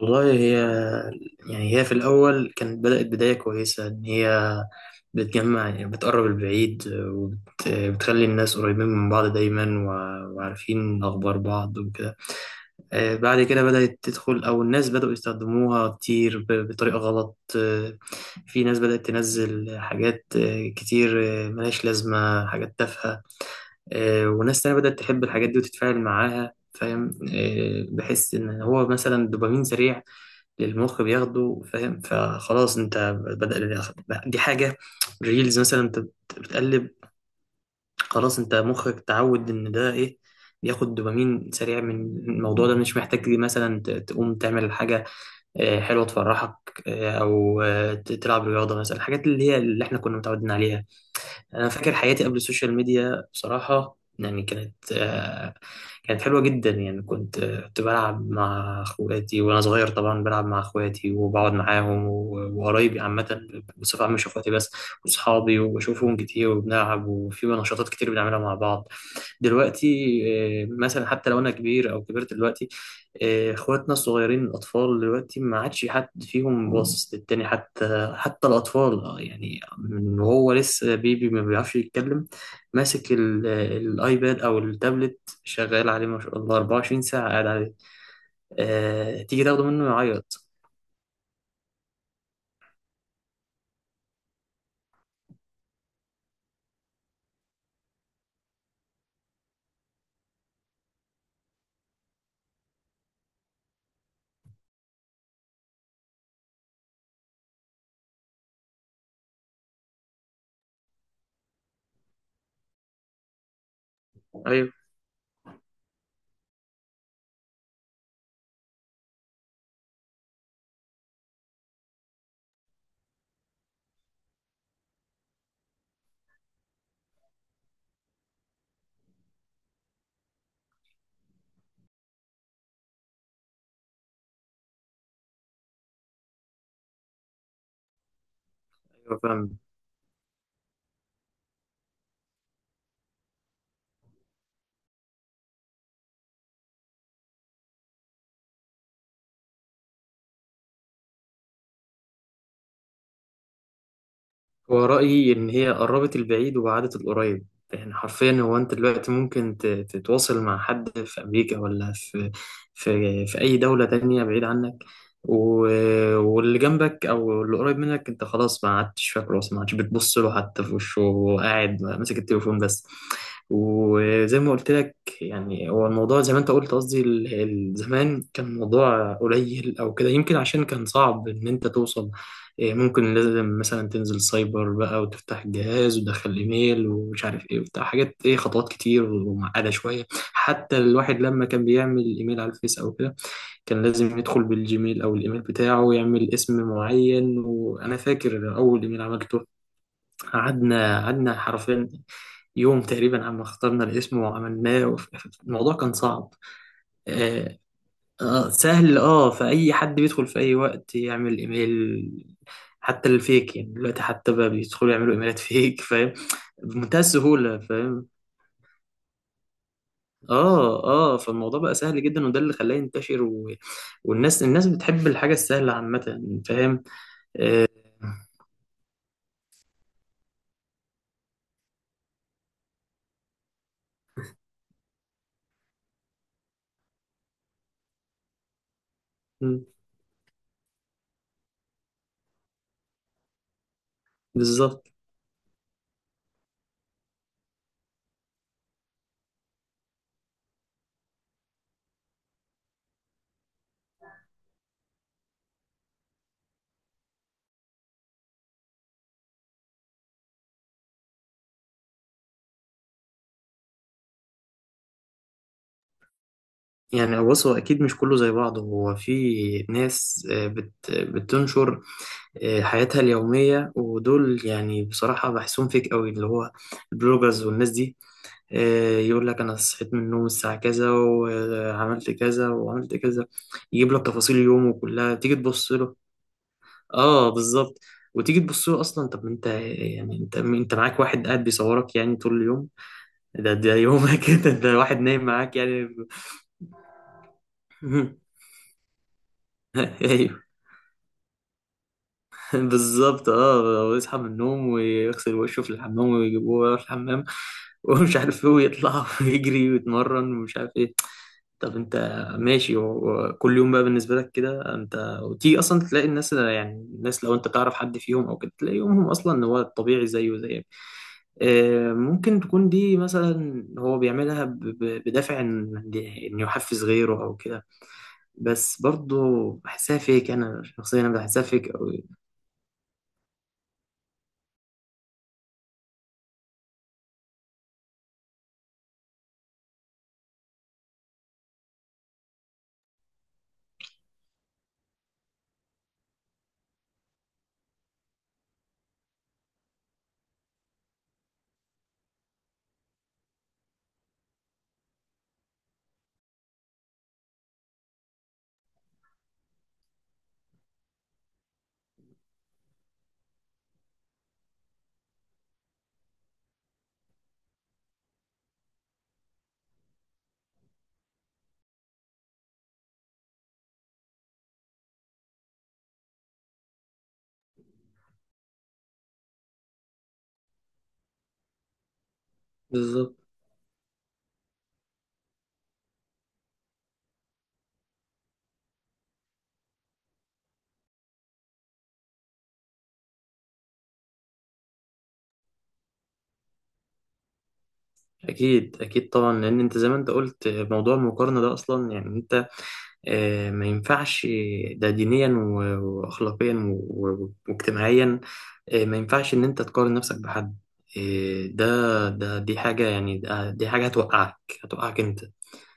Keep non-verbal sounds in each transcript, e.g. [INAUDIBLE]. والله هي يعني هي في الأول كانت بدأت بداية كويسة إن هي بتجمع، يعني بتقرب البعيد وبتخلي الناس قريبين من بعض دايما، وعارفين أخبار بعض وكده. بعد كده بدأت تدخل أو الناس بدأوا يستخدموها كتير بطريقة غلط. في ناس بدأت تنزل حاجات كتير، ملهاش لازمة، حاجات تافهة. وناس تانية بدأت تحب الحاجات دي وتتفاعل معاها، فاهم؟ بحس إن هو مثلا دوبامين سريع للمخ بياخده، فاهم؟ فخلاص انت بدأ، دي حاجة ريلز مثلا، انت بتقلب، خلاص انت مخك تعود ان ده ايه، بياخد دوبامين سريع من الموضوع ده، مش محتاج مثلا تقوم تعمل حاجة حلوة تفرحك، او تلعب رياضة مثلا، الحاجات اللي هي اللي احنا كنا متعودين عليها. انا فاكر حياتي قبل السوشيال ميديا، بصراحه يعني كانت، كانت حلوه جدا، يعني كنت، كنت بلعب مع اخواتي وانا صغير. طبعا بلعب مع اخواتي وبقعد معاهم وقرايبي، عامه بصفه عامه، مش اخواتي بس، واصحابي، وبشوفهم كتير وبنلعب وفي نشاطات كتير بنعملها مع بعض دلوقتي. مثلا حتى لو انا كبير او كبرت دلوقتي، اخواتنا الصغيرين الاطفال دلوقتي ما عادش حد فيهم باصص للتاني، حتى الاطفال، يعني من وهو لسه بيبي ما بيعرفش يتكلم، ماسك الايباد او التابلت، شغال عليه ما شاء الله 24 ساعة، قاعد عليه. تيجي تاخده منه يعيط. ايوه ايوه، فاهم. هو رأيي إن هي قربت البعيد وبعدت القريب، يعني حرفيا هو أنت دلوقتي ممكن تتواصل مع حد في أمريكا، ولا في أي دولة تانية بعيد عنك، واللي جنبك أو اللي قريب منك أنت خلاص ما عدتش فاكره، أصلا ما عدتش بتبص له حتى في وشه، وقاعد ماسك التليفون بس. وزي ما قلت لك، يعني هو الموضوع زي ما أنت قلت، قصدي زمان كان الموضوع قليل أو كده، يمكن عشان كان صعب إن أنت توصل، إيه، ممكن لازم مثلا تنزل سايبر بقى وتفتح الجهاز وتدخل ايميل ومش عارف ايه وبتاع، حاجات ايه؟ خطوات كتير ومعقده شويه. حتى الواحد لما كان بيعمل ايميل على الفيس او كده، كان لازم يدخل بالجيميل او الايميل بتاعه ويعمل اسم معين. وانا فاكر اول ايميل عملته، قعدنا حرفيا يوم تقريبا، عم اخترنا الاسم وعملناه، الموضوع كان صعب. آه، اه سهل، اه، فأي حد بيدخل في أي وقت يعمل إيميل، حتى الفيك يعني دلوقتي، حتى بقى بيدخلوا يعملوا إيميلات [LAUGHS] فيك، فاهم؟ بمنتهى السهولة، فاهم. اه اه، فالموضوع بقى سهل جدا، وده اللي خلاه ينتشر. و... والناس، بتحب الحاجة السهلة عامة، فاهم. مم، بالظبط. يعني بص هو اكيد مش كله زي بعضه، هو في ناس بتنشر حياتها اليوميه، ودول يعني بصراحه بحسهم فيك قوي، اللي هو البلوجرز والناس دي. يقول لك انا صحيت من النوم الساعه كذا وعملت كذا وعملت كذا، يجيب لك تفاصيل يومه كلها، تيجي تبص له، اه بالظبط. وتيجي تبص له اصلا، طب ما انت، يعني انت معاك واحد قاعد بيصورك يعني طول اليوم، ده يومك [LAUGHS] ده واحد نايم معاك يعني. [LAUGHS] ايوه بالظبط، اه، ويصحى من النوم ويغسل وشه في الحمام ويجيبوه يروح الحمام [LAUGHS] ومش عارف ايه، ويطلع [LAUGHS] ويجري ويتمرن ومش عارف ايه. طب انت ماشي، وكل يوم بقى بالنسبه لك كده، انت وتيجي اصلا تلاقي الناس، يعني الناس لو انت تعرف حد فيهم او كده، تلاقي يومهم اصلا ان هو طبيعي زيه زيك. ممكن تكون دي مثلا هو بيعملها بدافع ان إن يحفز غيره او كده، بس برضه بحسها فيك، انا شخصيا انا بحسها فيك قوي. بالظبط. اكيد اكيد طبعا، لان انت زي ما انت قلت موضوع المقارنه ده اصلا، يعني ما ينفعش. ده دينيا وأخلاقيا واجتماعيا. ما ينفعش إن أنت تقارن نفسك بحد. ده ده دي حاجة، يعني دي حاجة هتوقعك، هتوقعك أنت.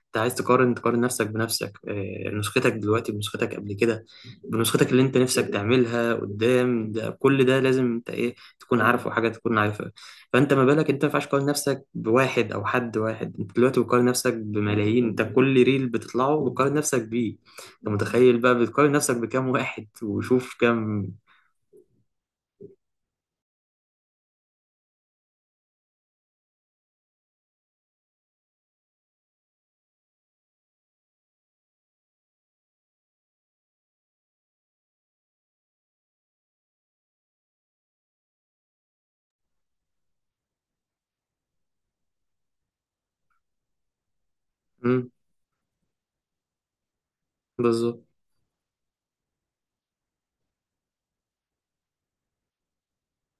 انت عايز تقارن نفسك بنفسك. نسختك دلوقتي بنسختك قبل كده، بنسختك اللي انت نفسك تعملها قدام، ده كل ده لازم انت ايه، تكون عارفه حاجه، تكون عارفها. فانت ما بالك، انت ما ينفعش تقارن نفسك بواحد، او حد واحد، انت دلوقتي بتقارن نفسك بملايين، انت كل ريل بتطلعه بتقارن نفسك بيه. انت متخيل بقى بتقارن نفسك بكام واحد، وشوف كام. مم، بالظبط،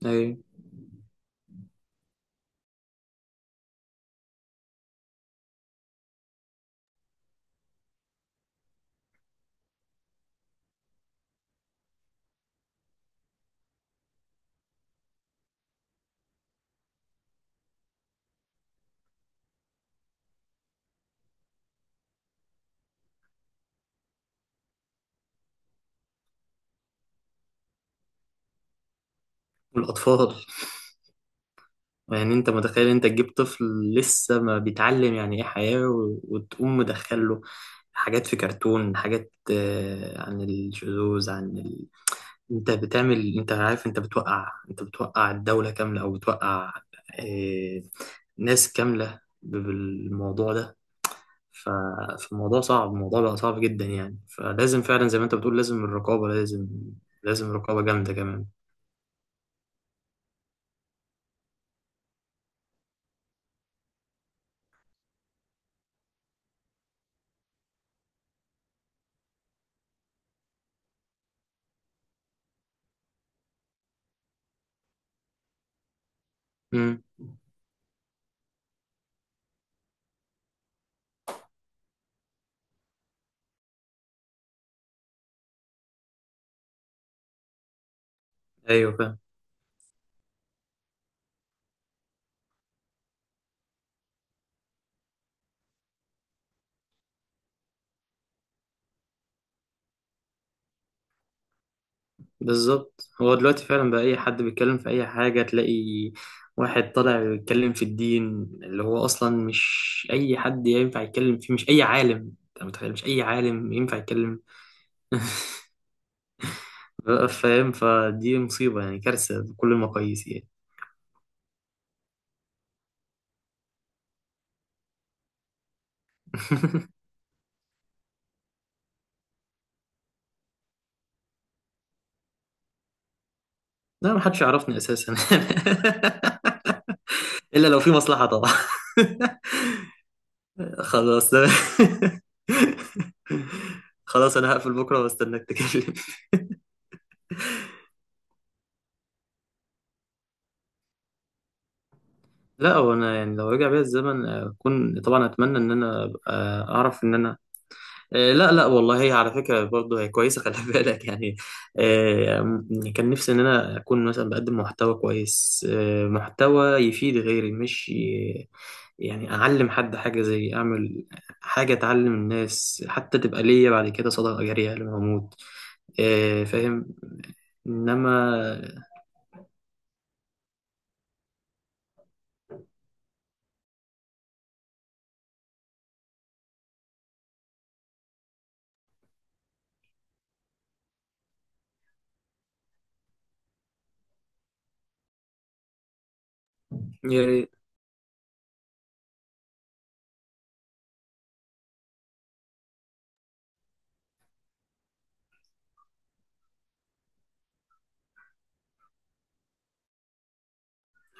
ايوه. والاطفال، يعني انت متخيل، انت تجيب طفل لسه ما بيتعلم يعني ايه حياة، وتقوم مدخله حاجات في كرتون، حاجات عن الشذوذ، عن ال... انت بتعمل، انت عارف، انت بتوقع، انت بتوقع الدولة كاملة، او بتوقع آه، ناس كاملة بالموضوع ده. ف... فالموضوع صعب، الموضوع بقى صعب جدا، يعني فلازم فعلا زي ما انت بتقول لازم الرقابة، لازم، لازم رقابة جامدة كمان. امم، ايوه فاهم. بالظبط، هو دلوقتي فعلا بقى اي حد بيتكلم في اي حاجه، تلاقي واحد طالع بيتكلم في الدين، اللي هو اصلا مش اي حد ينفع يتكلم فيه، مش اي عالم، انت متخيل، مش اي عالم ينفع يتكلم. [LAUGHS] بقى فاهم، فدي مصيبه يعني، كارثه بكل المقاييس يعني. [LAUGHS] لا، محدش يعرفني اساسا [LAUGHS] الا لو في مصلحه طبعا. [LAUGHS] خلاص [LAUGHS] خلاص انا هقفل بكره واستناك تكلم. لا، هو انا يعني لو رجع بيا الزمن، اكون طبعا، اتمنى ان انا أبقى، اعرف ان انا، لا لا والله، هي على فكره برضه هي كويسه، خلي [LAUGHS] بالك يعني. كان نفسي ان انا اكون مثلا بقدم محتوى كويس، محتوى يفيد غيري، مش يعني اعلم حد حاجه، زي اعمل حاجه تعلم الناس، حتى تبقى ليا بعد كده صدقه جاريه لما اموت. فاهم. انما، يا ريت.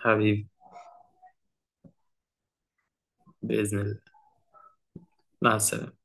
حبيبي، باذن الله. مع السلامه.